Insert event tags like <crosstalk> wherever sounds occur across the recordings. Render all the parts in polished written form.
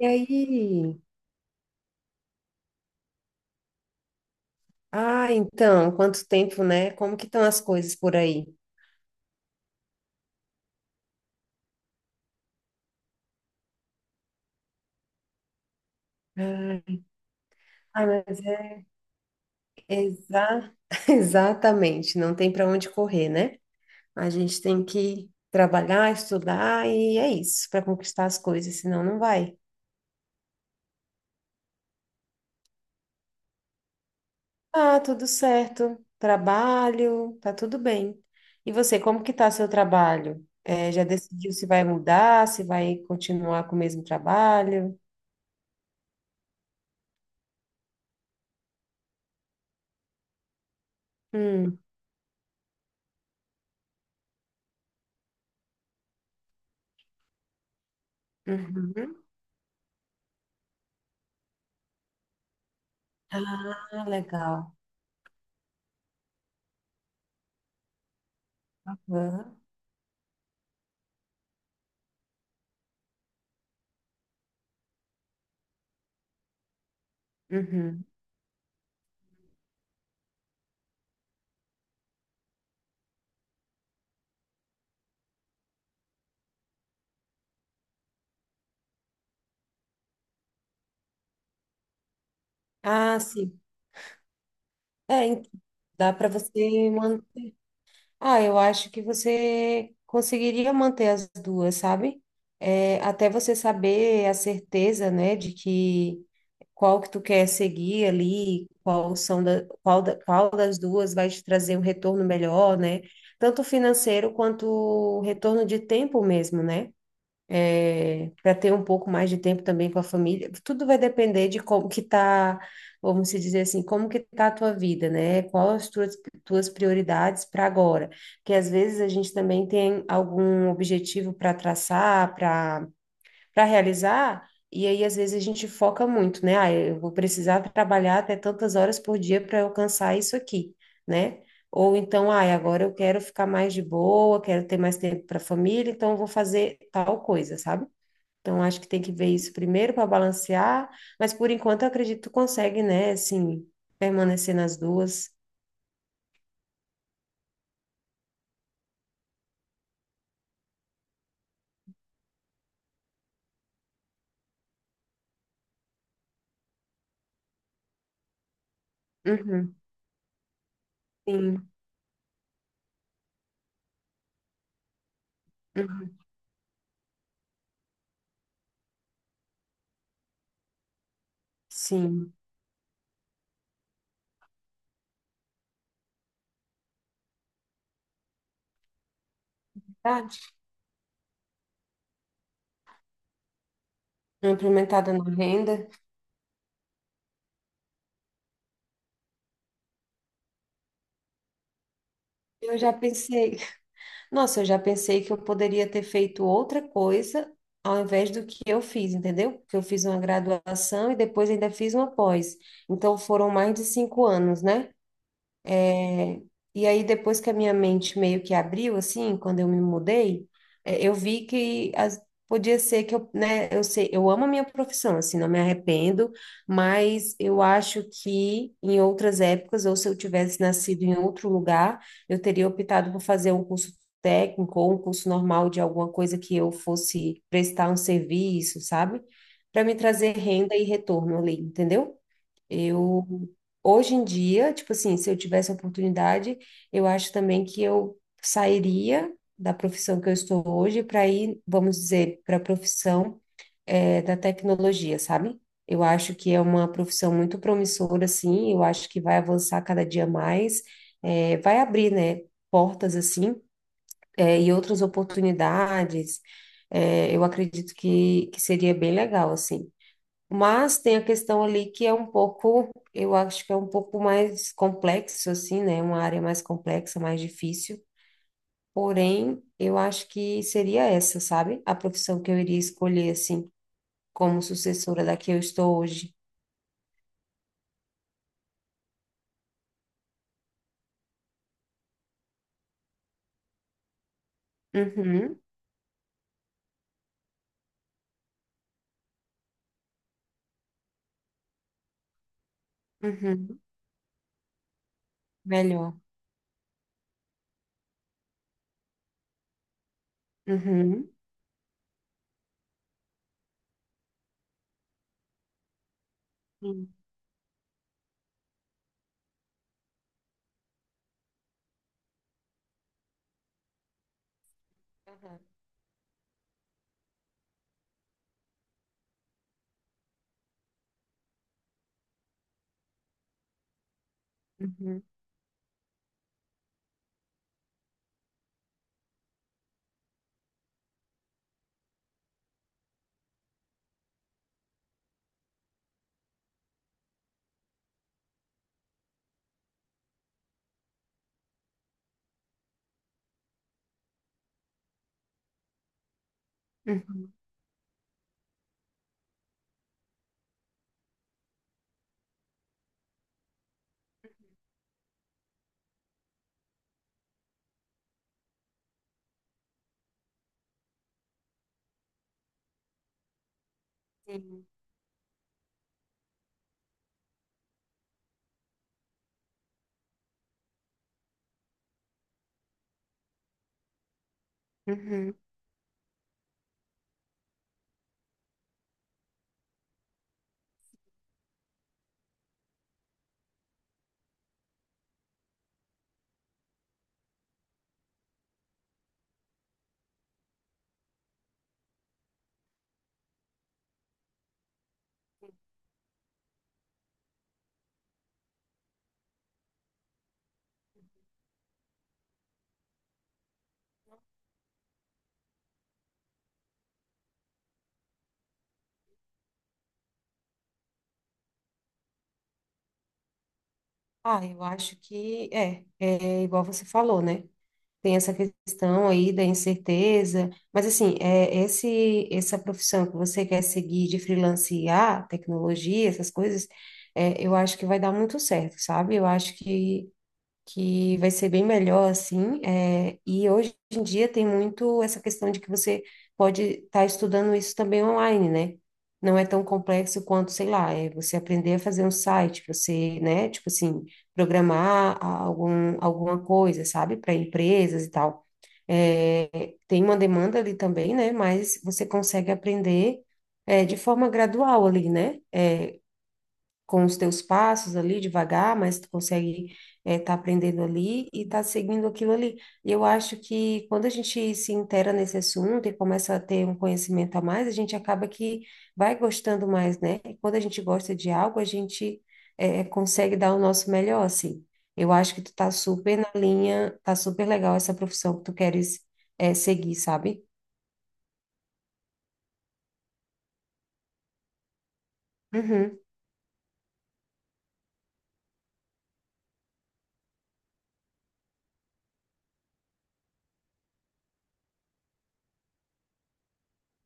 E aí? Então, quanto tempo, né? Como que estão as coisas por aí? Ah, mas é exa... <laughs> exatamente, não tem para onde correr, né? A gente tem que trabalhar, estudar e é isso, para conquistar as coisas, senão não vai. Ah, tudo certo. Trabalho, tá tudo bem. E você, como que tá seu trabalho? Já decidiu se vai mudar, se vai continuar com o mesmo trabalho? Hum, uhum. Ah, legal. Aham. Uhum. Ah, sim. É, en- Dá para você manter. Ah, eu acho que você conseguiria manter as duas, sabe? É, até você saber a certeza, né, de que qual que tu quer seguir ali, qual são da- qual das duas vai te trazer um retorno melhor, né? Tanto financeiro quanto retorno de tempo mesmo, né? Para ter um pouco mais de tempo também com a família. Tudo vai depender de como que tá, vamos se dizer assim, como que tá a tua vida, né? Tuas prioridades para agora? Porque às vezes a gente também tem algum objetivo para traçar, para realizar, e aí às vezes a gente foca muito, né? Ah, eu vou precisar trabalhar até tantas horas por dia para alcançar isso aqui, né? Ou então, ah, agora eu quero ficar mais de boa, quero ter mais tempo para a família, então eu vou fazer tal coisa, sabe? Então acho que tem que ver isso primeiro para balancear, mas por enquanto eu acredito que tu consegue, né? Assim, permanecer nas duas. Uhum, sim, uhum, sim. Verdade. Não implementada na renda, eu já pensei. Nossa, eu já pensei que eu poderia ter feito outra coisa ao invés do que eu fiz, entendeu? Porque eu fiz uma graduação e depois ainda fiz uma pós. Então foram mais de 5 anos, né? É, e aí, depois que a minha mente meio que abriu, assim, quando eu me mudei, é, eu vi que podia ser que eu, né, eu sei, eu amo a minha profissão, assim, não me arrependo, mas eu acho que em outras épocas, ou se eu tivesse nascido em outro lugar, eu teria optado por fazer um curso técnico ou um curso normal de alguma coisa que eu fosse prestar um serviço, sabe? Para me trazer renda e retorno ali, entendeu? Eu, hoje em dia, tipo assim, se eu tivesse a oportunidade, eu acho também que eu sairia da profissão que eu estou hoje para ir, vamos dizer, para a profissão, da tecnologia, sabe? Eu acho que é uma profissão muito promissora, assim, eu acho que vai avançar cada dia mais, vai abrir, né, portas, assim, e outras oportunidades. Eu acredito que seria bem legal, assim. Mas tem a questão ali que é um pouco, eu acho que é um pouco mais complexo, assim, né? Uma área mais complexa, mais difícil. Porém, eu acho que seria essa, sabe? A profissão que eu iria escolher, assim, como sucessora da que eu estou hoje. Uhum, uhum, melhor. Uhum. Sim. Aham, uhum, uhum, sim, uhum. Ah, eu acho que é igual você falou, né? Tem essa questão aí da incerteza, mas assim, essa profissão que você quer seguir de freelancear, tecnologia, essas coisas, é, eu acho que vai dar muito certo, sabe? Eu acho Que vai ser bem melhor assim. É, e hoje em dia tem muito essa questão de que você pode estar estudando isso também online, né? Não é tão complexo quanto, sei lá, é você aprender a fazer um site, você, né, tipo assim, programar alguma coisa, sabe, para empresas e tal. É, tem uma demanda ali também, né? Mas você consegue aprender, é, de forma gradual ali, né? É, com os teus passos ali devagar, mas tu consegue estar aprendendo ali e tá seguindo aquilo ali. E eu acho que quando a gente se inteira nesse assunto e começa a ter um conhecimento a mais, a gente acaba que vai gostando mais, né? E quando a gente gosta de algo, a gente consegue dar o nosso melhor, assim. Eu acho que tu tá super na linha, tá super legal essa profissão que tu queres seguir, sabe? Uhum.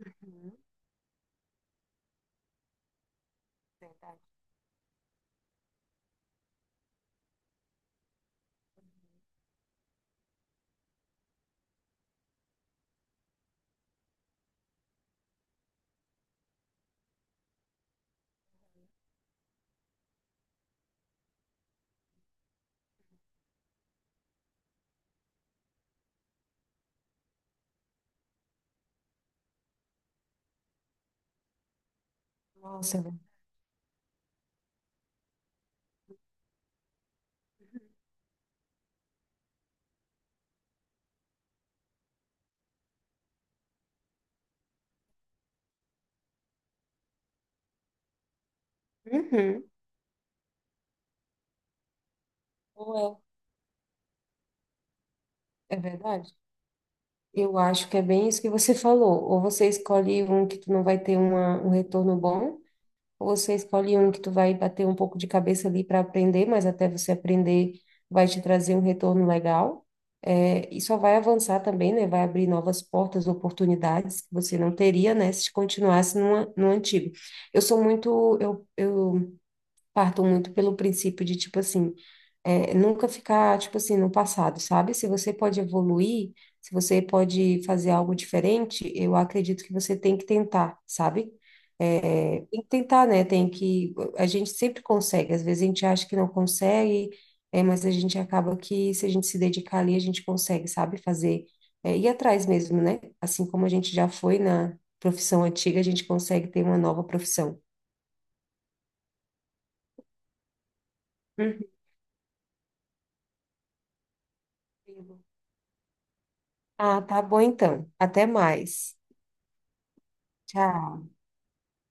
Uhum, verdade. Nossa, é ver- Uhum. Ou É, é verdade? Eu acho que é bem isso que você falou. Ou você escolhe um que tu não vai ter um retorno bom, ou você escolhe um que tu vai bater um pouco de cabeça ali para aprender, mas até você aprender vai te trazer um retorno legal. É, e só vai avançar também, né? Vai abrir novas portas, oportunidades que você não teria, né? Se continuasse no antigo. Eu parto muito pelo princípio de, tipo assim, é, nunca ficar, tipo assim, no passado, sabe? Se você pode evoluir, se você pode fazer algo diferente, eu acredito que você tem que tentar, sabe? É, tem que tentar, né? Tem que. A gente sempre consegue, às vezes a gente acha que não consegue, é, mas a gente acaba que, se a gente se dedicar ali, a gente consegue, sabe? Fazer. É, ir atrás mesmo, né? Assim como a gente já foi na profissão antiga, a gente consegue ter uma nova profissão. Uhum. Ah, tá bom então. Até mais. Tchau.